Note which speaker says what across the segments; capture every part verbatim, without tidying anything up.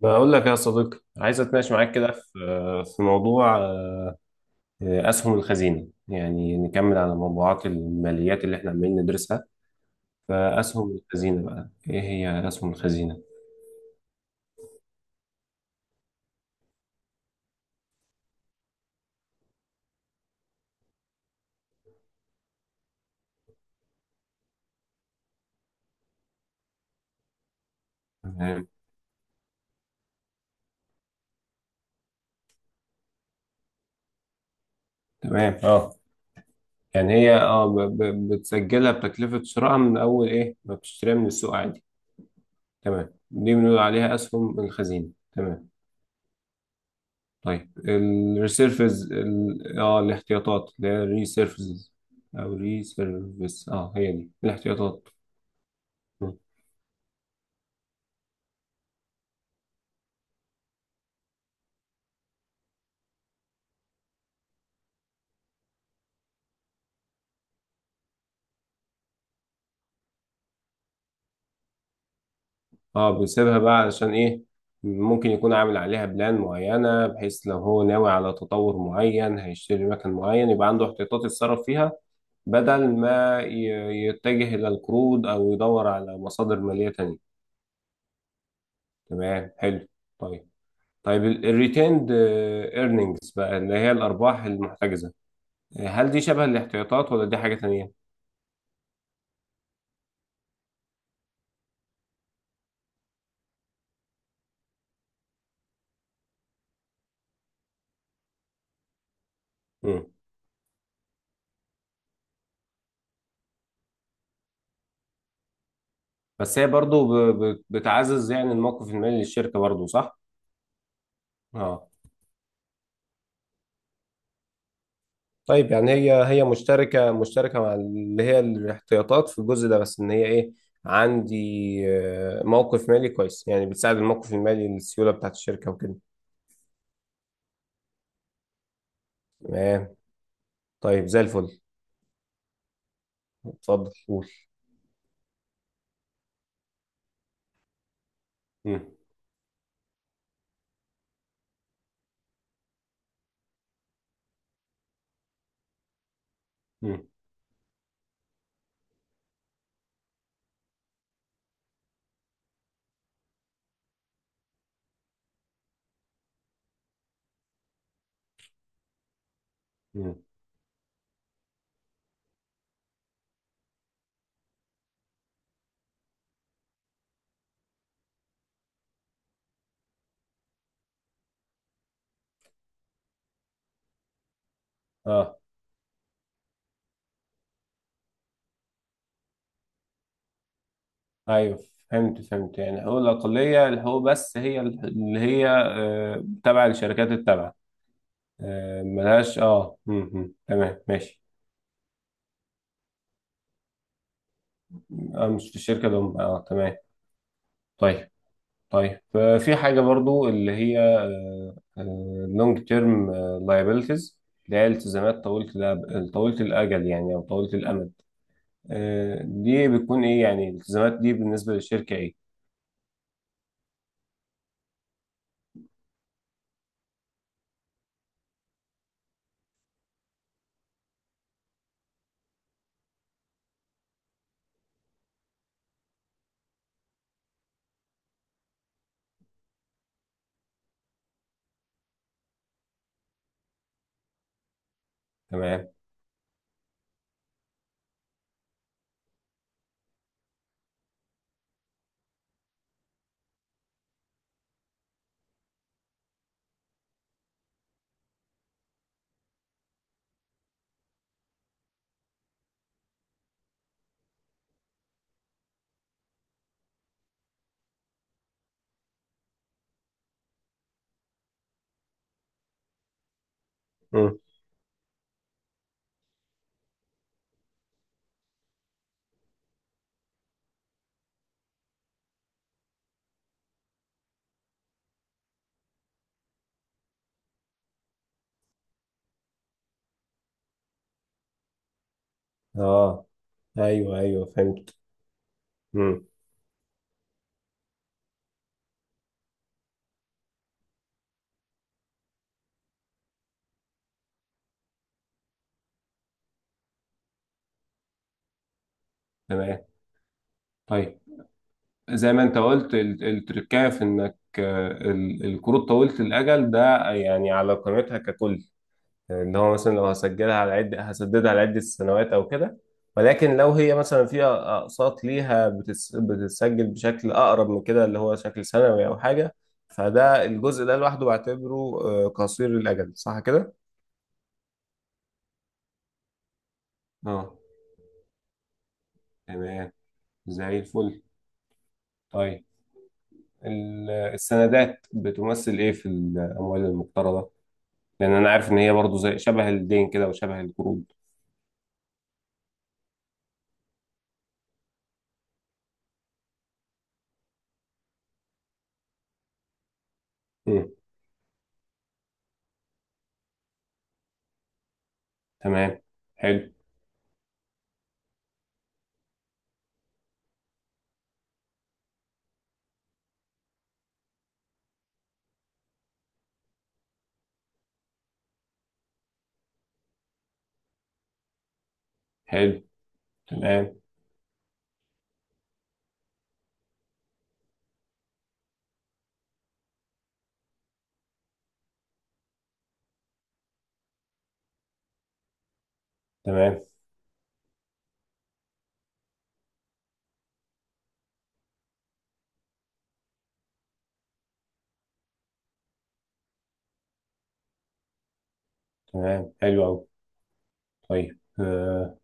Speaker 1: بقول لك يا صديقي، عايز اتناقش معاك كده في في موضوع آه، اسهم الخزينه. يعني نكمل على موضوعات الماليات اللي احنا عمالين ندرسها. فاسهم الخزينه بقى ايه هي اسهم الخزينه؟ تمام تمام، اه، يعني هي اه ب- ب- بتسجلها بتكلفه شرائها من اول ايه ما بتشتريها من السوق عادي. تمام، دي بنقول عليها اسهم الخزينه. تمام. طيب الريسيرفز ال- اه الاحتياطات اللي هي الريسيرفز، او ريسيرفز، اه هي دي الاحتياطات. مم. اه، بيسيبها بقى علشان ايه؟ ممكن يكون عامل عليها بلان معينة، بحيث لو هو ناوي على تطور معين هيشتري مكان معين، يبقى عنده احتياطات يتصرف فيها بدل ما ي- يتجه إلى القروض أو يدور على مصادر مالية تانية. تمام، حلو. طيب. طيب الريتيند ايرنينجز بقى اللي هي الارباح المحتجزه، هل دي شبه الاحتياطات ولا دي حاجه تانية؟ مم. بس هي برضو ب- ب- بتعزز يعني الموقف المالي للشركه برضو، صح؟ اه. طيب، يعني هي هي مشتركه مشتركه مع اللي هي الاحتياطات في الجزء ده، بس ان هي ايه، عندي آه، موقف مالي كويس، يعني بتساعد الموقف المالي للسيوله بتاعت الشركه وكده. تمام. طيب زي الفل. اتفضل قول. مم. مم. مم. اه، ايوه، فهمت فهمت. يعني حقوق الاقليه الحقوق، بس هي اللي هي آه، تبع الشركات التابعه. آه، ملهاش اه م- م. تمام، ماشي. آه، مش في الشركه الام، اه تمام. طيب. طيب آه، في حاجه برضو اللي هي لونج تيرم لايبيلتيز، اللي هي التزامات طويله الأب- طويله الاجل يعني، او طويله الامد. آه، دي بتكون ايه يعني؟ الالتزامات دي بالنسبه للشركه ايه؟ تمام. م. اه، ايوه ايوه، فهمت. م. تمام. طيب زي ما انت قلت، ال- التركية في انك آه، ال- الكروت طويلة الأجل ده يعني على قيمتها ككل، ان هو مثلا لو هسجلها على عدة هسددها على عدة سنوات او كده. ولكن لو هي مثلا فيها أقساط ليها بتس- بتتسجل بشكل أقرب من كده، اللي هو شكل سنوي أو حاجة، فده الجزء ده لوحده بعتبره آه، قصير الأجل، صح كده؟ اه، تمام. زي الفل. طيب ال- السندات بتمثل إيه في الأموال المقترضة؟ لان انا عارف ان هي برضو زي شبه الدين كده وشبه القروض. مم. تمام، حلو. حلو. تمام. تمام تمام، حلو قوي. طيب آه،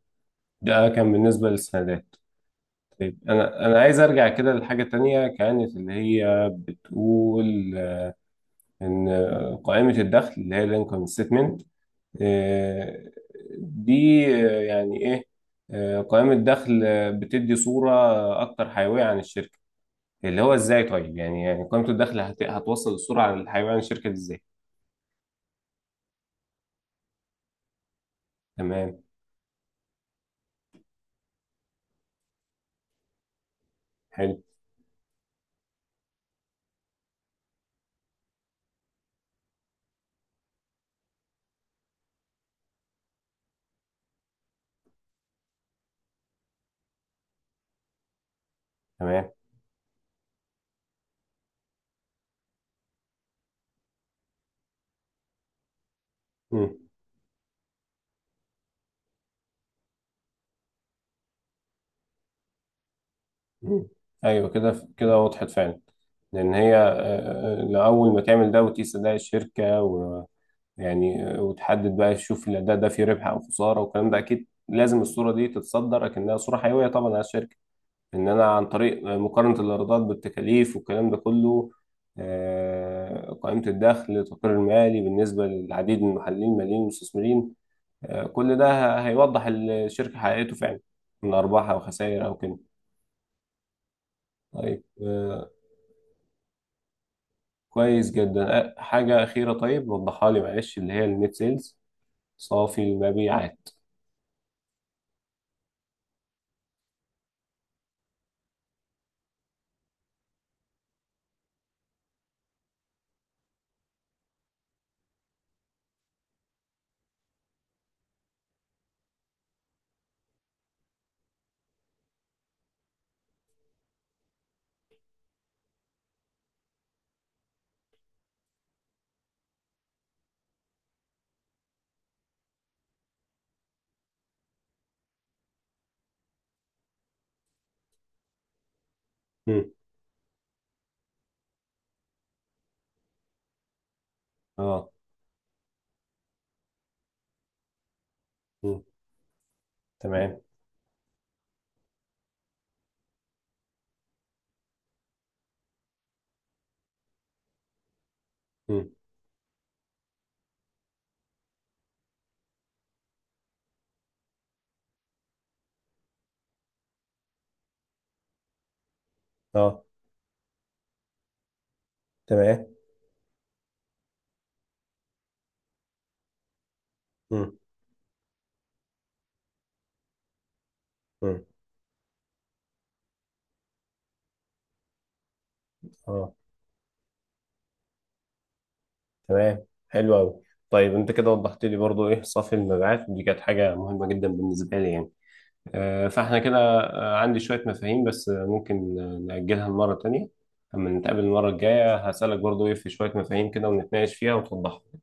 Speaker 1: ده كان بالنسبة للسندات. طيب انا انا عايز ارجع كده لحاجة تانية كانت اللي هي بتقول، ان قائمة الدخل اللي هي الانكم ستمنت دي آه، يعني ايه؟ آه، قائمة دخل، آه، بتدي صورة اكتر حيوية عن الشركة، اللي هو ازاي؟ طيب يعني، يعني قيمة الدخل هت... هتوصل السرعة للحيوان الشركة دي ازاي؟ تمام، حلو. تمام. مم. مم. ايوه، كده كده وضحت فعلا. لان هي آه، آه، لأول ما تعمل ده وتقيس أداء الشركة، ويعني آه، وتحدد بقى تشوف الأداء ده فيه ربح أو خسارة، والكلام ده أكيد لازم الصورة دي تتصدر أكنها صورة حيوية طبعا على الشركة. ان انا عن طريق مقارنة الايرادات بالتكاليف والكلام ده كله، آه، قائمة الدخل التقرير المالي بالنسبة للعديد من المحللين الماليين والمستثمرين. آه، كل ده ه- هيوضح الشركة حققته فعلا من أرباحها وخسائر أو كده. طيب آه، كويس جدا. آه، حاجة أخيرة، طيب وضحها لي معلش، اللي هي النت سيلز، صافي المبيعات. مم. اه. مم. تمام. مم. اه، تمام. مم. مم. اه، تمام، حلو قوي. طيب انت كده وضحت لي برضو ايه صافي المبيعات، ودي كانت حاجه مهمه جدا بالنسبه لي يعني. آه، فاحنا كده آه، عندي شويه مفاهيم، بس آه، ممكن آه، نأجلها لمره تانية، اما نتقابل المره الجايه هسألك برضو ايه في شويه مفاهيم كده ونتناقش فيها وتوضحها.